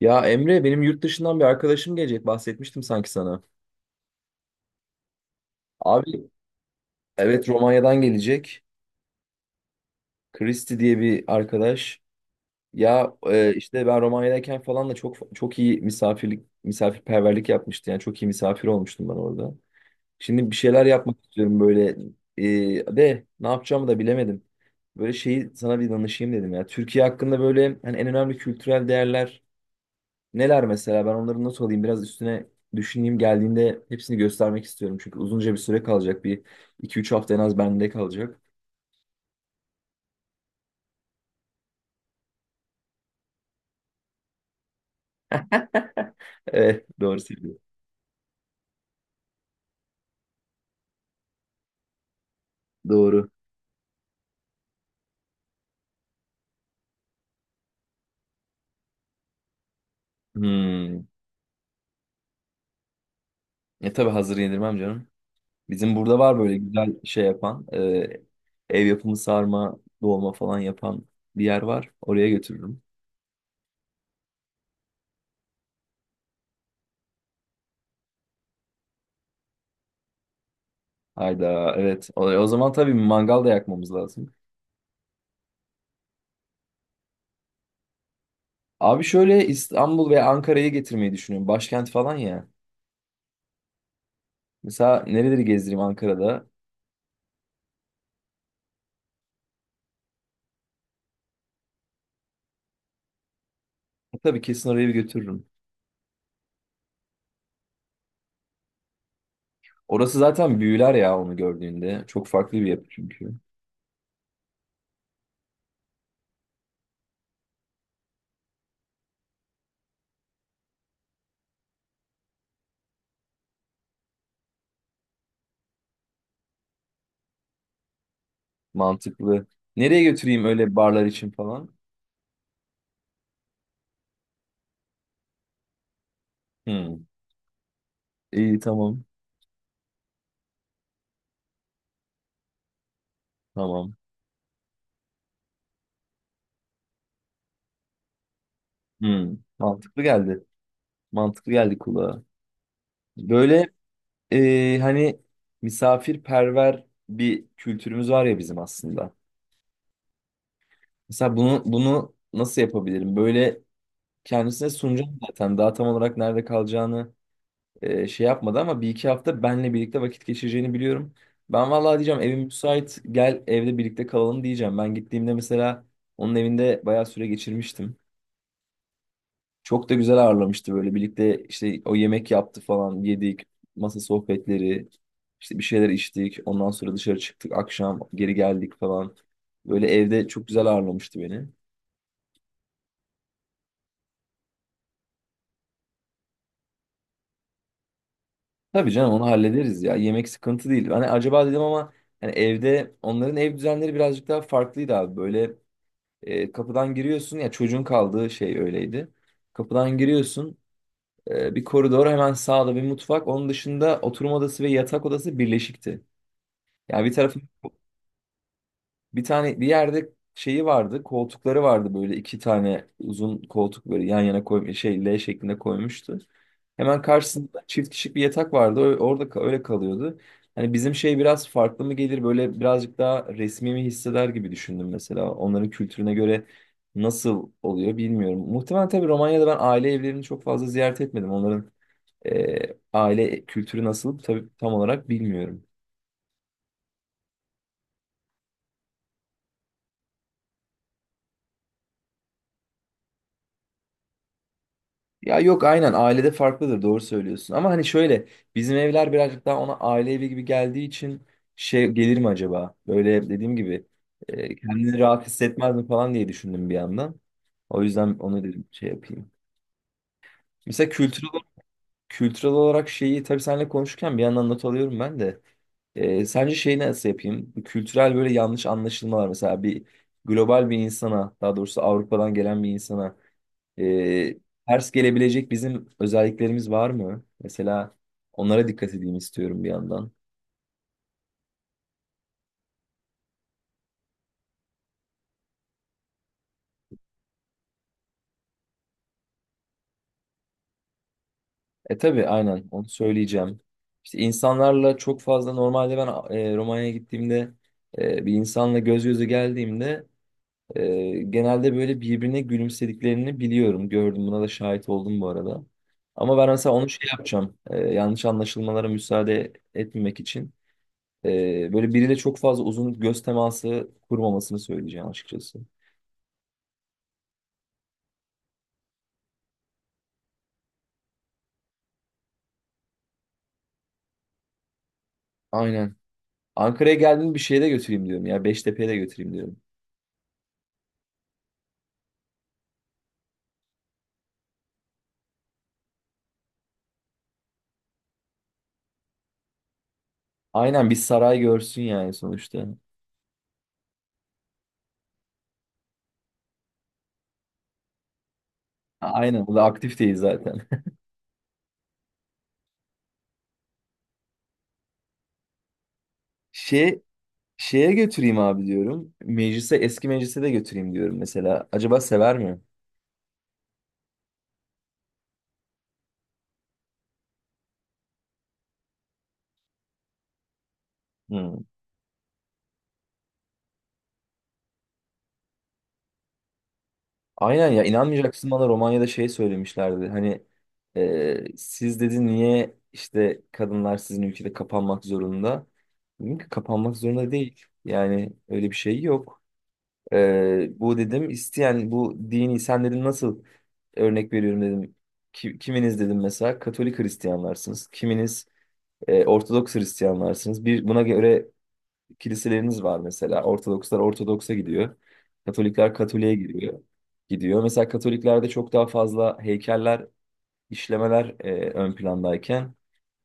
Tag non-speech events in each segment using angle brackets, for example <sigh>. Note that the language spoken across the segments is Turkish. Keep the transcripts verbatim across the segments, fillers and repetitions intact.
Ya Emre, benim yurt dışından bir arkadaşım gelecek, bahsetmiştim sanki sana. Abi evet, Romanya'dan gelecek. Kristi diye bir arkadaş. Ya e, işte ben Romanya'dayken falan da çok çok iyi misafirlik misafirperverlik yapmıştı. Yani çok iyi misafir olmuştum ben orada. Şimdi bir şeyler yapmak istiyorum böyle, e, de ne yapacağımı da bilemedim. Böyle şeyi sana bir danışayım dedim ya. Türkiye hakkında böyle hani en önemli kültürel değerler neler mesela, ben onları not alayım, biraz üstüne düşüneyim, geldiğinde hepsini göstermek istiyorum. Çünkü uzunca bir süre kalacak, bir iki üç hafta en az bende kalacak. <laughs> Evet, doğru söylüyorsun. Doğru. Hmm. E tabii hazır yedirmem canım. Bizim burada var böyle güzel şey yapan, e, ev yapımı sarma dolma falan yapan bir yer var. Oraya götürürüm. Hayda, evet, o, o zaman tabii mangal da yakmamız lazım. Abi şöyle, İstanbul veya Ankara'yı getirmeyi düşünüyorum. Başkent falan ya. Mesela nereleri gezdireyim Ankara'da? Tabii, kesin oraya bir götürürüm. Orası zaten büyüler ya onu gördüğünde. Çok farklı bir yapı çünkü. Mantıklı. Nereye götüreyim öyle barlar için falan? Hmm. İyi, tamam. Tamam. Hmm. Mantıklı geldi. Mantıklı geldi kulağa. Böyle e, hani misafirperver bir kültürümüz var ya bizim aslında. Mesela bunu bunu nasıl yapabilirim? Böyle kendisine sunacağım zaten. Daha tam olarak nerede kalacağını e, şey yapmadı ama bir iki hafta benle birlikte vakit geçireceğini biliyorum. Ben vallahi diyeceğim, evim müsait, gel evde birlikte kalalım diyeceğim. Ben gittiğimde mesela onun evinde bayağı süre geçirmiştim. Çok da güzel ağırlamıştı, böyle birlikte işte o yemek yaptı falan, yedik, masa sohbetleri, işte bir şeyler içtik, ondan sonra dışarı çıktık, akşam geri geldik falan. Böyle evde çok güzel ağırlamıştı beni. Tabii canım, onu hallederiz ya, yemek sıkıntı değil. Hani acaba dedim ama, hani evde onların ev düzenleri birazcık daha farklıydı abi böyle. E, kapıdan giriyorsun ya, çocuğun kaldığı şey öyleydi. Kapıdan giriyorsun, e, bir koridor, hemen sağda bir mutfak. Onun dışında oturma odası ve yatak odası birleşikti. Yani bir tarafı, bir tane bir yerde şeyi vardı, koltukları vardı böyle, iki tane uzun koltuk böyle yan yana koymuş, şey, L şeklinde koymuştu. Hemen karşısında çift kişilik bir yatak vardı. Ö- Orada ka- öyle kalıyordu. Hani bizim şey biraz farklı mı gelir böyle, birazcık daha resmi mi hisseder gibi düşündüm mesela. Onların kültürüne göre nasıl oluyor bilmiyorum. Muhtemelen, tabii, Romanya'da ben aile evlerini çok fazla ziyaret etmedim. Onların e, aile kültürü nasıl, tabii, tam olarak bilmiyorum. Ya yok, aynen, ailede farklıdır, doğru söylüyorsun. Ama hani şöyle, bizim evler birazcık daha ona aile evi gibi geldiği için şey gelir mi acaba? Böyle dediğim gibi, e, kendini rahat hissetmez mi falan diye düşündüm bir yandan. O yüzden onu dedim, şey yapayım. Mesela kültürel, kültürel olarak şeyi, tabii, seninle konuşurken bir yandan not alıyorum ben de. E, sence şeyi nasıl yapayım? Bu kültürel böyle yanlış anlaşılmalar, mesela bir global bir insana, daha doğrusu Avrupa'dan gelen bir insana ee, ters gelebilecek bizim özelliklerimiz var mı? Mesela onlara dikkat edeyim istiyorum bir yandan. E tabii aynen onu söyleyeceğim. İşte insanlarla çok fazla normalde ben e, Romanya'ya gittiğimde, e, bir insanla göz göze geldiğimde, Ee, genelde böyle birbirine gülümsediklerini biliyorum. Gördüm, buna da şahit oldum bu arada. Ama ben mesela onu şey yapacağım. Ee, yanlış anlaşılmalara müsaade etmemek için, ee, böyle biriyle çok fazla uzun göz teması kurmamasını söyleyeceğim açıkçası. Aynen. Ankara'ya geldiğimde bir şeye de götüreyim diyorum ya, Beştepe'ye de götüreyim diyorum. Aynen, bir saray görsün yani sonuçta. Aynen. Bu da aktif değil zaten. <laughs> Şey, şeye götüreyim abi diyorum. Meclise, eski meclise de götüreyim diyorum mesela. Acaba sever mi? Hı. Aynen ya, inanmayacaksın, bana Romanya'da şey söylemişlerdi. Hani e, siz, dedi, niye işte kadınlar sizin ülkede kapanmak zorunda? Dedim ki kapanmak zorunda değil. Yani öyle bir şey yok. E, bu dedim, isteyen bu dini, sen dedim nasıl, örnek veriyorum dedim. Ki- kiminiz dedim mesela Katolik Hristiyanlarsınız. Kiminiz e, Ortodoks Hristiyanlarsınız. Bir, buna göre kiliseleriniz var mesela. Ortodokslar Ortodoks'a gidiyor. Katolikler Katolik'e gidiyor. Gidiyor. Mesela Katoliklerde çok daha fazla heykeller, işlemeler e, ön plandayken,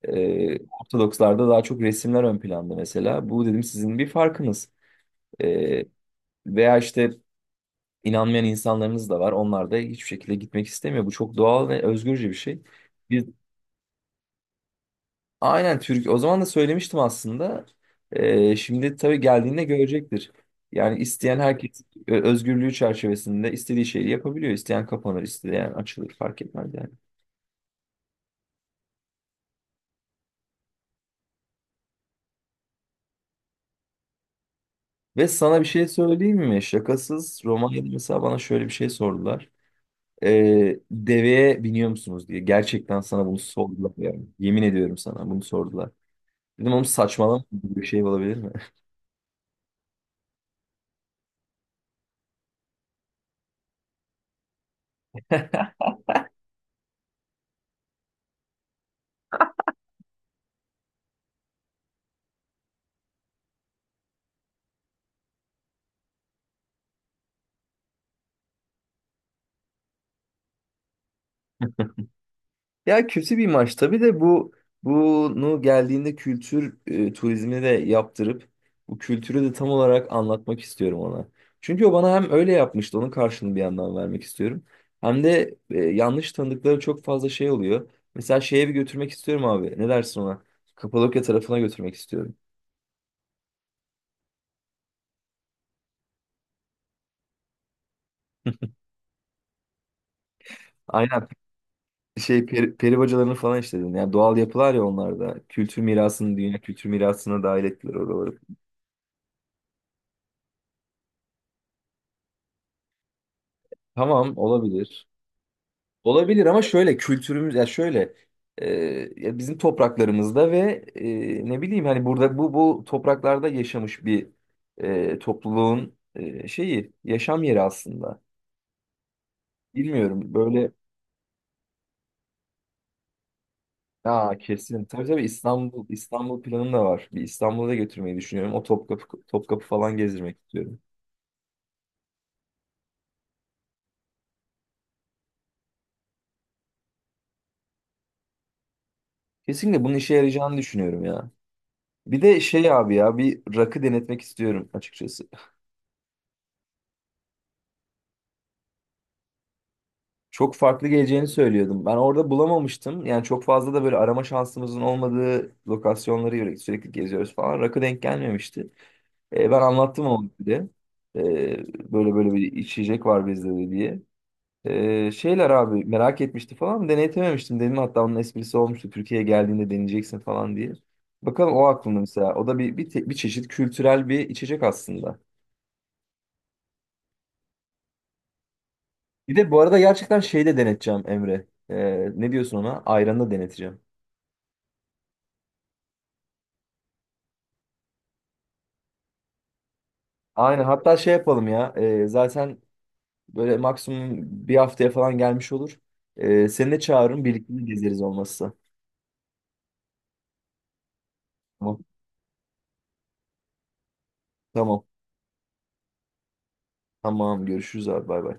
e, Ortodokslarda daha çok resimler ön planda mesela. Bu dedim sizin bir farkınız. E, veya işte inanmayan insanlarınız da var. Onlar da hiçbir şekilde gitmek istemiyor. Bu çok doğal ve özgürce bir şey. Biz aynen Türk. O zaman da söylemiştim aslında. Ee, şimdi tabii geldiğinde görecektir. Yani isteyen herkes e, özgürlüğü çerçevesinde istediği şeyi yapabiliyor. İsteyen kapanır, isteyen açılır, fark etmez yani. Ve sana bir şey söyleyeyim mi? Şakasız, Romanya'da mesela bana şöyle bir şey sordular. Ee, deveye biniyor musunuz diye. Gerçekten sana bunu sordular yani. Yemin ediyorum, sana bunu sordular. Dedim oğlum saçmalama, bir şey olabilir mi? <laughs> Ya kötü bir maç tabii, de bu bunu geldiğinde kültür e, turizmi de yaptırıp bu kültürü de tam olarak anlatmak istiyorum ona. Çünkü o bana hem öyle yapmıştı, onun karşılığını bir yandan vermek istiyorum. Hem de e, yanlış tanıdıkları çok fazla şey oluyor. Mesela şeye bir götürmek istiyorum abi. Ne dersin ona? Kapadokya tarafına götürmek istiyorum. <laughs> Aynen, şey, peri, peri bacalarını falan işledin. Yani doğal yapılar ya onlar da. Kültür mirasını, dünya kültür mirasına dahil ettiler oraları. Tamam, olabilir. Olabilir ama şöyle, kültürümüz ya şöyle, e, ya bizim topraklarımızda ve e, ne bileyim, hani burada bu bu topraklarda yaşamış bir e, topluluğun e, şeyi, yaşam yeri aslında. Bilmiyorum böyle. Aa kesin. Tabii tabii, İstanbul İstanbul planım da var. Bir İstanbul'a da götürmeyi düşünüyorum. O Topkapı Topkapı falan gezdirmek istiyorum. Kesinlikle bunun işe yarayacağını düşünüyorum ya. Bir de şey abi, ya bir rakı denetmek istiyorum açıkçası. Çok farklı geleceğini söylüyordum. Ben orada bulamamıştım. Yani çok fazla da böyle arama şansımızın olmadığı lokasyonları yürü- sürekli geziyoruz falan. Rakı denk gelmemişti. E, ben anlattım onu bir de. E, böyle böyle bir içecek var bizde de diye. E, şeyler abi merak etmişti falan. Deneytememiştim dedim. Hatta onun esprisi olmuştu. Türkiye'ye geldiğinde deneyeceksin falan diye. Bakalım, o aklımda mesela. O da bir, bir, te- bir çeşit kültürel bir içecek aslında. Bir de bu arada gerçekten şeyde deneteceğim Emre. E, ne diyorsun ona? Ayranı da deneteceğim. Aynen. Hatta şey yapalım ya. e, zaten böyle maksimum bir haftaya falan gelmiş olur. E, seni de çağırırım. Birlikte gezeriz olmazsa. Tamam. Tamam. Tamam. Görüşürüz abi. Bay bay.